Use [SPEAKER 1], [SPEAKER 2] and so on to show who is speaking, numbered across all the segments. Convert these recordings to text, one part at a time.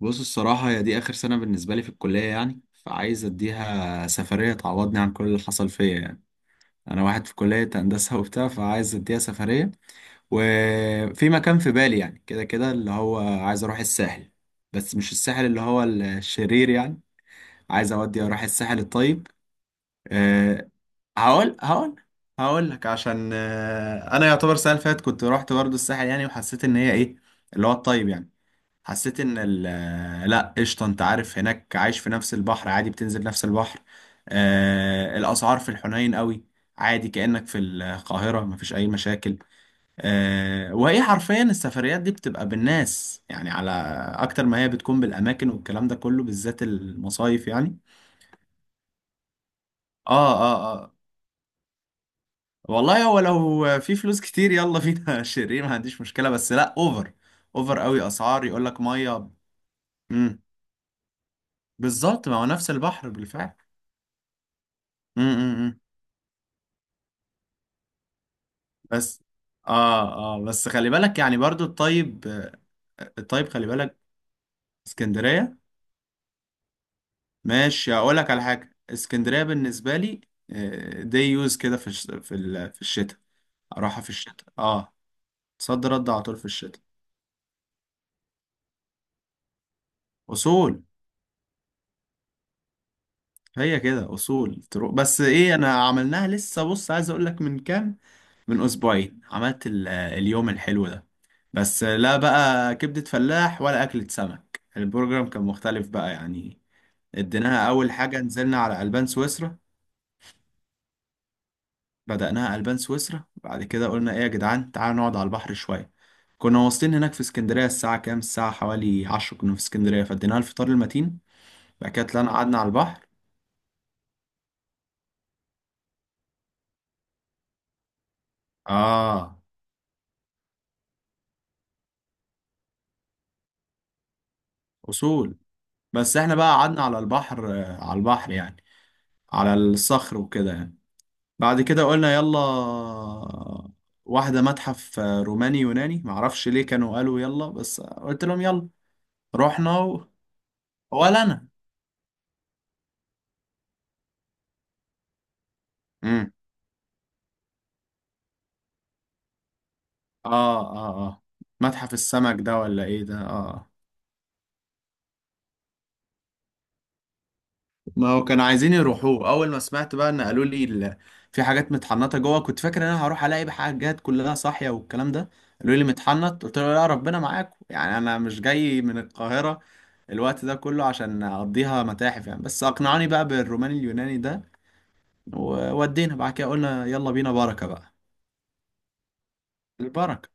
[SPEAKER 1] بص الصراحة هي دي آخر سنة بالنسبة لي في الكلية يعني فعايز أديها سفرية تعوضني عن كل اللي حصل فيا يعني. أنا واحد في كلية هندسة وبتاع فعايز أديها سفرية، وفي مكان في بالي يعني كده كده اللي هو عايز أروح الساحل، بس مش الساحل اللي هو الشرير يعني، عايز أودي أروح الساحل الطيب. أه، هقول هقول لك عشان أنا يعتبر السنة اللي فاتت كنت رحت برضه الساحل يعني، وحسيت إن هي إيه اللي هو الطيب يعني. حسيت ان ال لا قشطه، انت عارف هناك عايش في نفس البحر، عادي بتنزل نفس البحر. آه الاسعار في الحنين قوي، عادي كانك في القاهره مفيش اي مشاكل. آه وهي حرفيا السفريات دي بتبقى بالناس يعني على اكتر ما هي بتكون بالاماكن، والكلام ده كله بالذات المصايف يعني. اه، والله هو لو في فلوس كتير يلا فينا شيرين ما عنديش مشكله، بس لا اوفر، اوفر قوي اسعار، يقول لك ميه. امم. بالظبط، ما هو نفس البحر بالفعل. امم. بس اه. اه بس خلي بالك يعني برضو الطيب آه، الطيب خلي بالك. اسكندرية، ماشي اقول لك على حاجة، اسكندرية بالنسبة لي دي يوز كده في في الشتاء، اروحها في الشتاء، اه صد رد على طول في الشتاء. اصول، هي كده اصول تروح، بس ايه انا عملناها لسه، بص عايز اقول لك، من كام، من اسبوعين، عملت اليوم الحلو ده، بس لا بقى كبدة فلاح ولا أكلة سمك، البروجرام كان مختلف بقى يعني. اديناها اول حاجه نزلنا على البان سويسرا، بدأناها البان سويسرا، بعد كده قلنا ايه يا جدعان تعالوا نقعد على البحر شويه. كنا واصلين هناك في اسكندريه الساعه كام، الساعه حوالي 10 كنا في اسكندريه، فاديناها الفطار المتين. بعد كده طلعنا قعدنا على البحر، اه اصول. بس احنا بقى قعدنا على البحر آه، على البحر يعني، على الصخر وكده يعني. بعد كده قلنا يلا، واحده متحف آه، روماني يوناني معرفش ليه، كانوا قالوا يلا، بس قلت لهم يلا رحنا و... ولا انا اه، متحف السمك ده ولا ايه ده، اه آه. ما هو كانوا عايزين يروحوه اول ما سمعت بقى ان قالوا لي في حاجات متحنطه جوه، كنت فاكر ان انا هروح الاقي حاجات كلها صاحيه والكلام ده. قالوا لي متحنط، قلت له لا ربنا معاكم يعني، انا مش جاي من القاهره الوقت ده كله عشان اقضيها متاحف يعني، بس اقنعوني بقى بالروماني اليوناني ده. وودينا بعد كده قلنا يلا بينا بركه بقى. البركه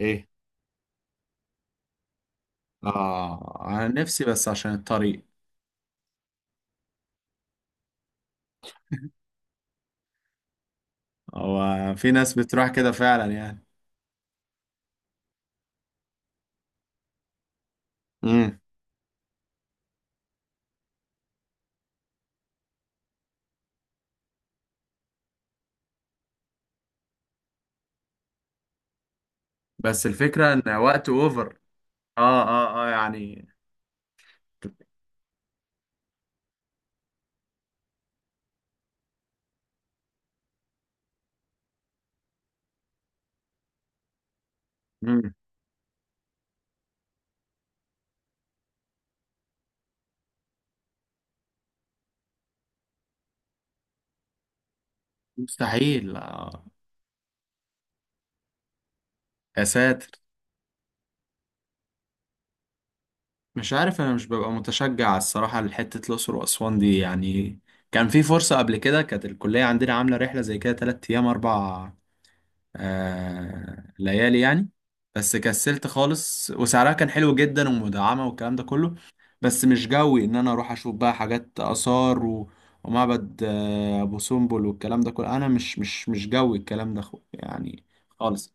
[SPEAKER 1] ايه؟ اه انا نفسي بس عشان الطريق. هو في ناس بتروح كده فعلا يعني. امم. بس الفكرة ان وقت اوفر، اه يعني. امم. مستحيل آه. يا ساتر. مش عارف، انا مش ببقى متشجع الصراحة لحتة الأقصر وأسوان دي يعني. كان في فرصة قبل كده كانت الكلية عندنا عاملة رحلة زي كده تلات أيام أربع آه ليالي يعني، بس كسلت خالص، وسعرها كان حلو جدا ومدعمة والكلام ده كله. بس مش جوي ان انا اروح اشوف بقى حاجات آثار و... ومعبد آه ابو سمبل والكلام ده كله، انا مش جوي الكلام ده خ... يعني. خالص،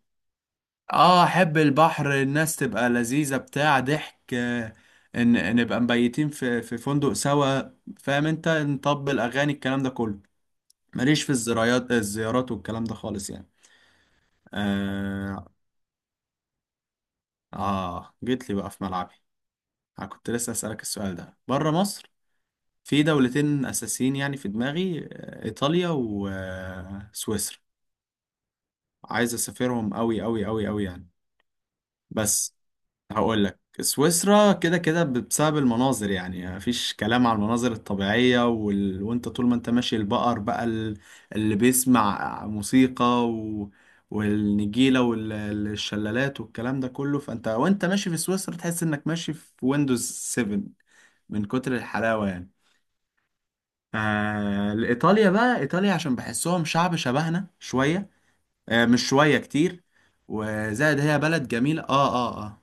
[SPEAKER 1] اه احب البحر، الناس تبقى لذيذة بتاع ضحك آه، ان نبقى مبيتين في فندق سوا، فاهم انت، نطبل اغاني الكلام ده كله. ماليش في الزيارات والكلام ده خالص يعني. آه. آه جيت لي بقى في ملعبي، أنا كنت لسه أسألك السؤال ده، بره مصر في دولتين أساسيين يعني في دماغي آه، إيطاليا وسويسرا، عايز أسافرهم أوي أوي أوي أوي يعني، بس هقول لك سويسرا كده كده بسبب المناظر، يعني مفيش كلام على المناظر الطبيعية وال... وانت طول ما انت ماشي البقر بقى اللي بيسمع موسيقى و... والنجيلة والشلالات والكلام ده كله، فانت وانت ماشي في سويسرا تحس انك ماشي في ويندوز 7 من كتر الحلاوة يعني. آه... ايطاليا بقى، ايطاليا عشان بحسهم شعب شبهنا شوية، آه مش شوية كتير، وزائد هي بلد جميلة اه. اه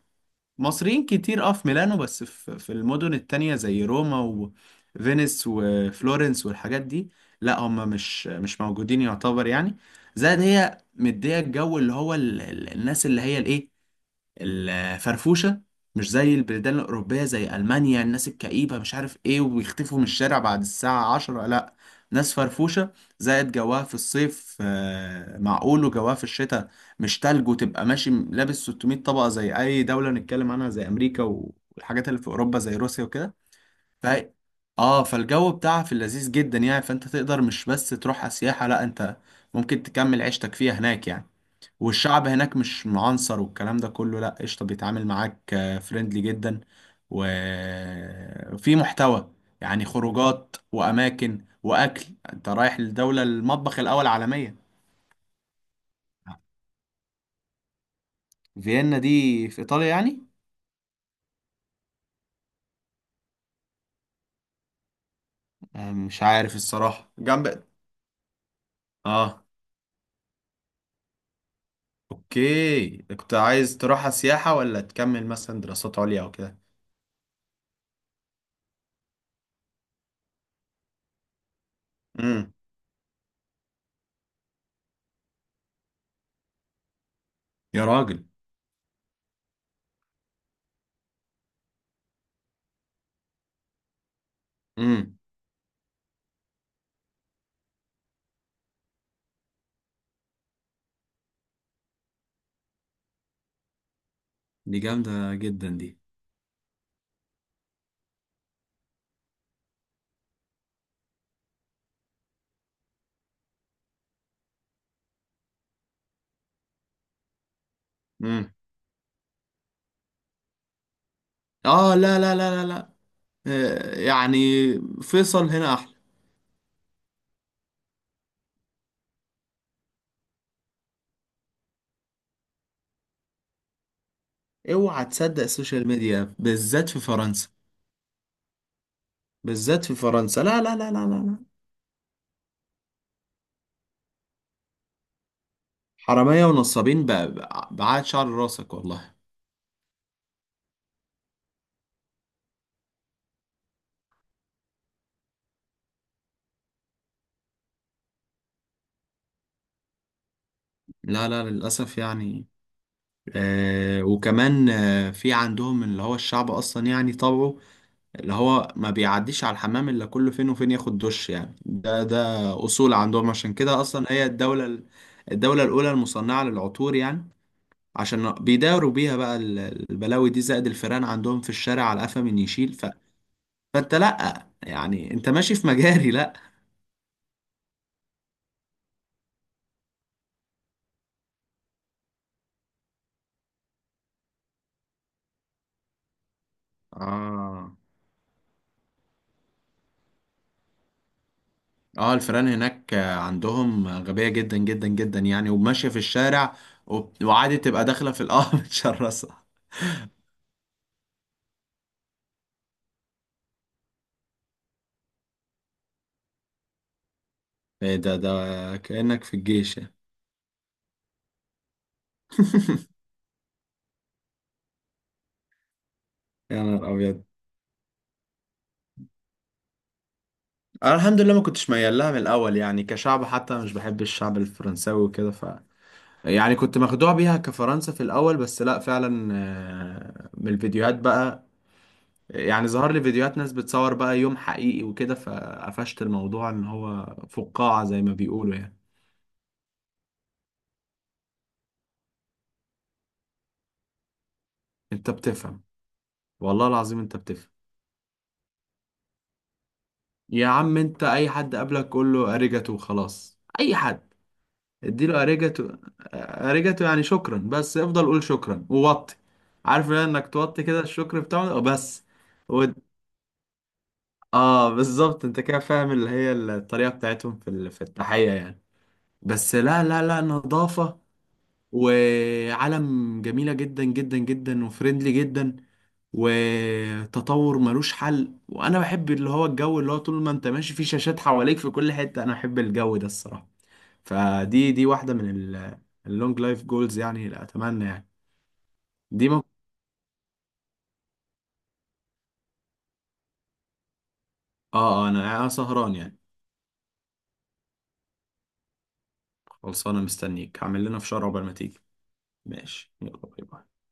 [SPEAKER 1] مصريين كتير اه في ميلانو، بس في المدن التانية زي روما وفينيس وفلورنس والحاجات دي، لا هم مش موجودين يعتبر يعني. زائد هي مدية الجو اللي هو الناس اللي هي الايه، الفرفوشة، مش زي البلدان الأوروبية زي ألمانيا الناس الكئيبة مش عارف إيه وبيختفوا من الشارع بعد الساعة عشرة، لأ ناس فرفوشة. زائد جواها في الصيف آه، معقول، وجواها في الشتاء مش تلج وتبقى ماشي لابس 600 طبقة زي أي دولة نتكلم عنها زي أمريكا والحاجات اللي في أوروبا زي روسيا وكده. ف... آه فالجو بتاعها في اللذيذ جدا يعني، فأنت تقدر مش بس تروحها سياحة، لأ أنت ممكن تكمل عيشتك فيها هناك يعني. والشعب هناك مش معنصر والكلام ده كله، لا قشطة بيتعامل معاك فريندلي جدا، وفي محتوى يعني، خروجات وأماكن وأكل، أنت رايح لدولة المطبخ الأول عالميا. فيينا دي في إيطاليا يعني؟ آه، مش عارف الصراحة، جنب آه. أوكي، كنت عايز تروحها سياحة ولا تكمل مثلا دراسات عليا أو كده؟ امم. يا راجل. امم. دي جامدة جدا دي. امم. آه لا لا لا لا لا، آه يعني فيصل هنا احلى. اوعى تصدق السوشيال ميديا بالذات في فرنسا، بالذات في فرنسا، لا لا لا لا لا لا. حرامية ونصابين بقى، بعاد شعر راسك والله. لا لا للأسف يعني. آه وكمان آه في عندهم اللي هو الشعب أصلا يعني طبعه، اللي هو ما بيعديش على الحمام إلا كل فين وفين ياخد دش يعني، ده أصول عندهم، عشان كده أصلا هي الدولة الأولى المصنعة للعطور يعني، عشان بيداوروا بيها بقى البلاوي دي. زائد الفيران عندهم في الشارع على قفا من يشيل ف... فانت لا يعني انت ماشي في مجاري، لا. اه اه الفيران هناك آه، عندهم غبية جدا جدا جدا يعني وماشية في الشارع، وعادي تبقى داخلة في القهوة متشرسة. ايه ده، ده كأنك في الجيش يعني. يا نهار ابيض. انا الحمد لله ما كنتش ميال لها من الاول يعني، كشعب حتى مش بحب الشعب الفرنساوي وكده يعني، كنت مخدوع بيها كفرنسا في الأول، بس لأ فعلا آه، من الفيديوهات بقى يعني، ظهر لي فيديوهات ناس بتصور بقى يوم حقيقي وكده، فقفشت الموضوع إن هو فقاعة زي ما بيقولوا يعني. أنت بتفهم، والله العظيم أنت بتفهم. يا عم أنت أي حد قابلك قول له أريجاتو وخلاص، أي حد اديله أريجاتو. أريجاتو يعني شكرا، بس افضل قول شكرا ووطي، عارف إنك توطي كده الشكر بتاعه بس. اه بالظبط، انت كده فاهم اللي هي الطريقة بتاعتهم في في التحية يعني. بس لا لا لا نظافة، وعالم جميلة جدا جدا جدا، وفريندلي جدا، وتطور ملوش حل، وانا بحب اللي هو الجو اللي هو طول ما انت ماشي في شاشات حواليك في كل حتة، انا بحب الجو ده الصراحة. فدي واحدة من اللونج لايف جولز يعني اللي اتمنى يعني. دي ممكن. اه آه، أنا سهران يعني. خلصانة مستنيك هعمل لنا فشار عقبال ما تيجي. ماشي، يلا، باي باي.